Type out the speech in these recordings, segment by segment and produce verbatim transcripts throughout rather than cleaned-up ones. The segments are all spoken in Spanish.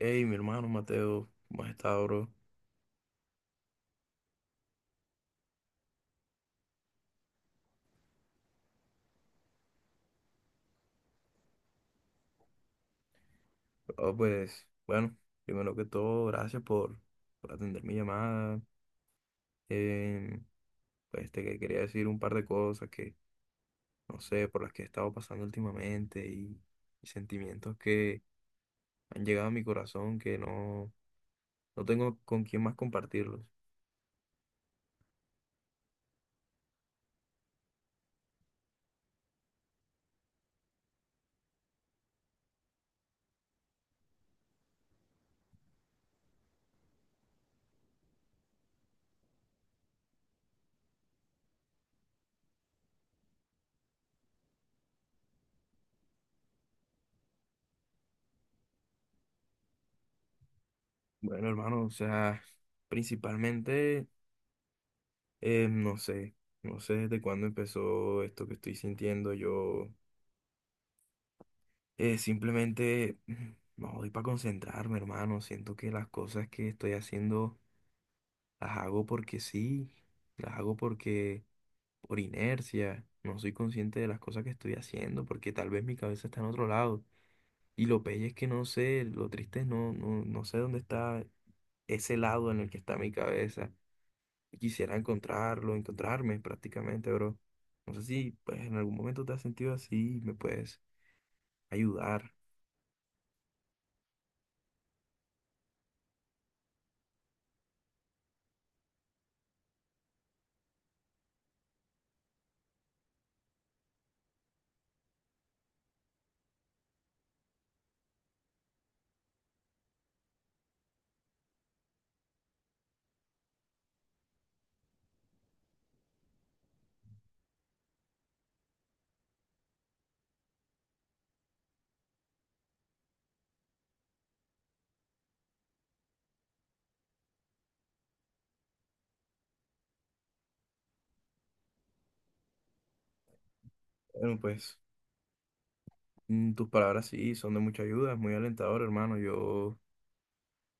Hey, mi hermano Mateo, ¿cómo has estado, bro? Oh, pues, bueno, primero que todo, gracias por, por atender mi llamada. Eh, pues te que- quería decir un par de cosas que, no sé, por las que he estado pasando últimamente y, y sentimientos que han llegado a mi corazón que no, no tengo con quién más compartirlos. Bueno, hermano, o sea, principalmente, eh, no sé, no sé desde cuándo empezó esto que estoy sintiendo yo. Eh, simplemente mm, no doy para concentrarme, hermano. Siento que las cosas que estoy haciendo las hago porque sí, las hago porque por inercia. No soy consciente de las cosas que estoy haciendo porque tal vez mi cabeza está en otro lado. Y lo peor es que no sé, lo triste es no, no, no sé dónde está ese lado en el que está mi cabeza. Y quisiera encontrarlo, encontrarme prácticamente, bro. No sé si pues en algún momento te has sentido así y me puedes ayudar. Bueno, pues. Mm, Tus palabras sí son de mucha ayuda, es muy alentador, hermano. Yo,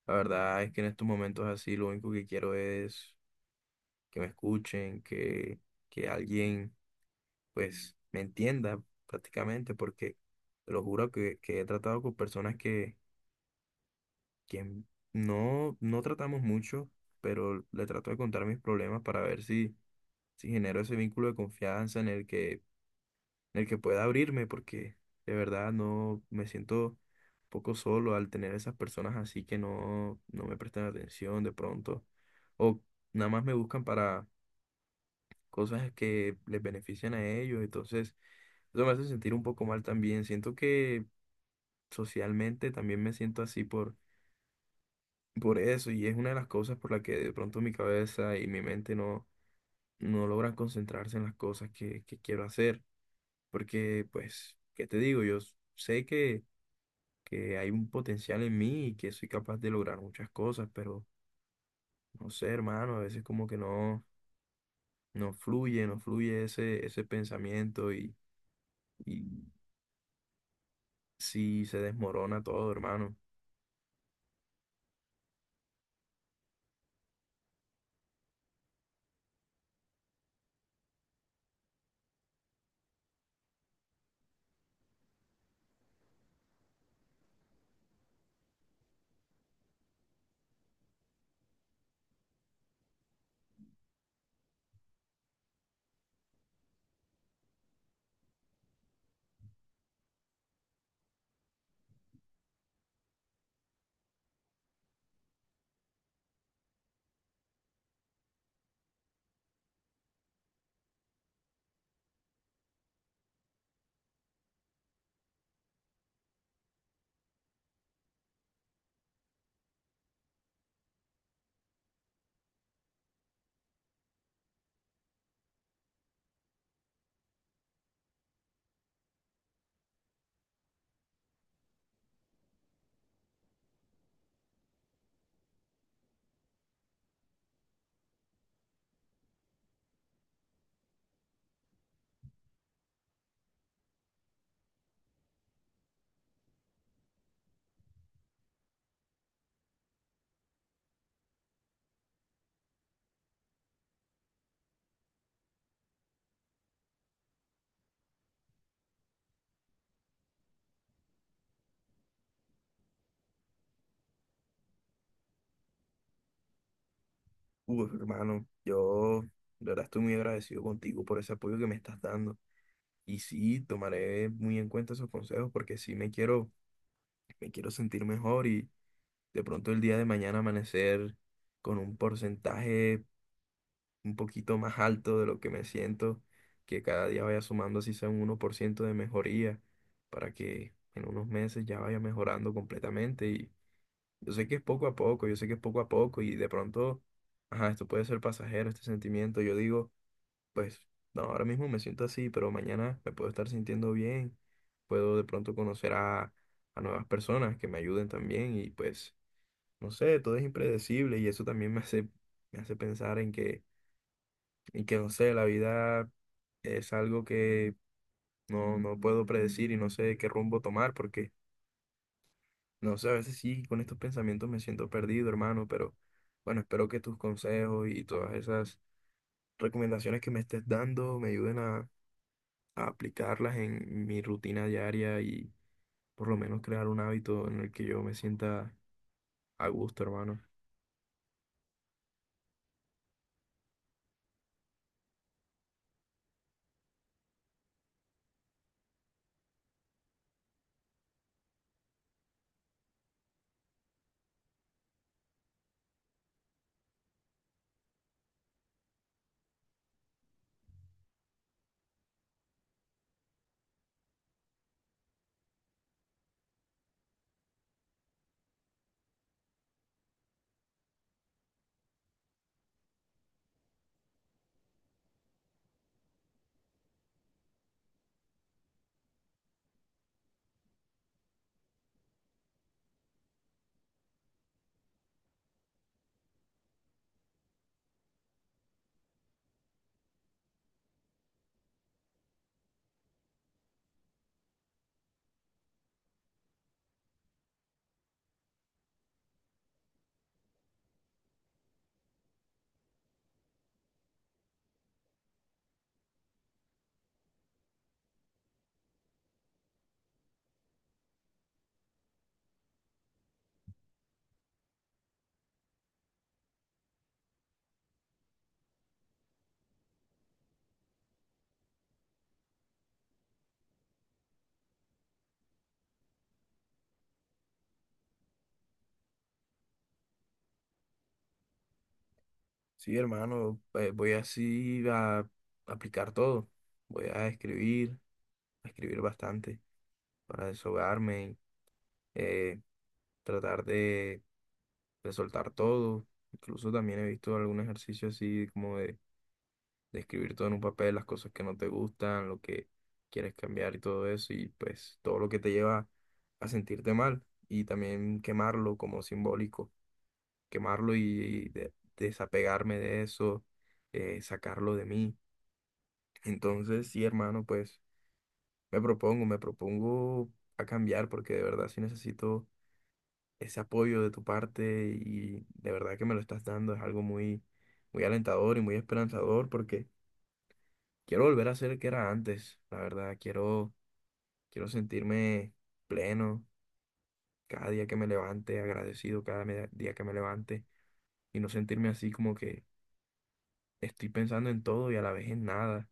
la verdad es que en estos momentos así, lo único que quiero es que me escuchen, que, que alguien, pues, me entienda prácticamente, porque te lo juro que, que he tratado con personas que, que no, no tratamos mucho, pero le trato de contar mis problemas para ver si, si genero ese vínculo de confianza en el que en el que pueda abrirme, porque de verdad no me siento un poco solo al tener esas personas así que no, no me prestan atención de pronto, o nada más me buscan para cosas que les benefician a ellos, entonces eso me hace sentir un poco mal también, siento que socialmente también me siento así por, por eso, y es una de las cosas por la que de pronto mi cabeza y mi mente no, no logran concentrarse en las cosas que, que quiero hacer, porque pues, ¿qué te digo? Yo sé que que hay un potencial en mí y que soy capaz de lograr muchas cosas, pero no sé, hermano, a veces como que no, no fluye, no fluye ese, ese pensamiento y, y sí se desmorona todo, hermano. Uf, hermano, yo de verdad estoy muy agradecido contigo por ese apoyo que me estás dando. Y sí, tomaré muy en cuenta esos consejos porque sí me quiero, me quiero sentir mejor y de pronto el día de mañana amanecer con un porcentaje un poquito más alto de lo que me siento, que cada día vaya sumando así sea un uno por ciento de mejoría, para que en unos meses ya vaya mejorando completamente. Y yo sé que es poco a poco, yo sé que es poco a poco y de pronto, ajá, esto puede ser pasajero, este sentimiento. Yo digo, pues, no, ahora mismo me siento así, pero mañana me puedo estar sintiendo bien, puedo de pronto conocer a, a nuevas personas que me ayuden también y pues, no sé, todo es impredecible y eso también me hace, me hace pensar en que y que no sé, la vida es algo que no, no puedo predecir y no sé qué rumbo tomar porque, no sé, a veces sí, con estos pensamientos me siento perdido, hermano, pero bueno, espero que tus consejos y todas esas recomendaciones que me estés dando me ayuden a, a aplicarlas en mi rutina diaria y por lo menos crear un hábito en el que yo me sienta a gusto, hermano. Sí, hermano, eh, voy así a aplicar todo. Voy a escribir, a escribir bastante, para desahogarme, eh, tratar de, de soltar todo. Incluso también he visto algún ejercicio así como de, de escribir todo en un papel, las cosas que no te gustan, lo que quieres cambiar y todo eso, y pues todo lo que te lleva a sentirte mal. Y también quemarlo como simbólico, quemarlo y, de- desapegarme de eso, eh, sacarlo de mí. Entonces, sí, hermano, pues me propongo, me propongo a cambiar porque de verdad sí necesito ese apoyo de tu parte y de verdad que me lo estás dando es algo muy, muy alentador y muy esperanzador porque quiero volver a ser el que era antes, la verdad, quiero, quiero sentirme pleno cada día que me levante, agradecido cada me- día que me levante y no sentirme así como que estoy pensando en todo y a la vez en nada,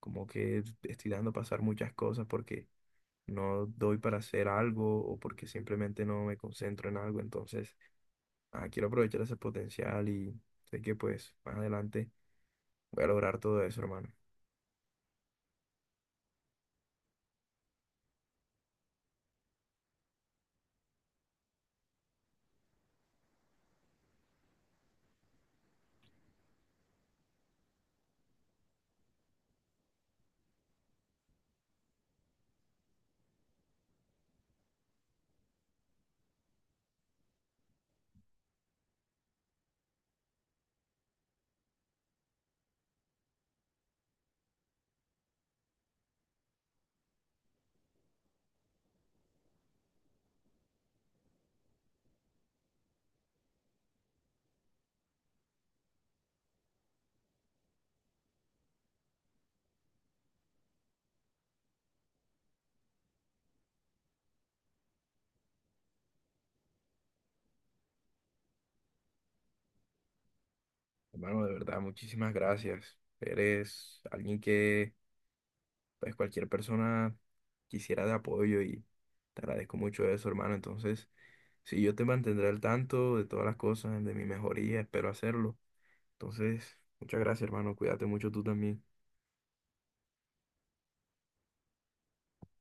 como que estoy dando pasar muchas cosas porque no doy para hacer algo o porque simplemente no me concentro en algo, entonces... ah, quiero aprovechar ese potencial y sé que pues más adelante voy a lograr todo eso, hermano. Hermano, de verdad, muchísimas gracias. Eres alguien que pues cualquier persona quisiera de apoyo y te agradezco mucho eso, hermano. Entonces, sí, yo te mantendré al tanto de todas las cosas, de mi mejoría, espero hacerlo. Entonces, muchas gracias, hermano. Cuídate mucho tú también.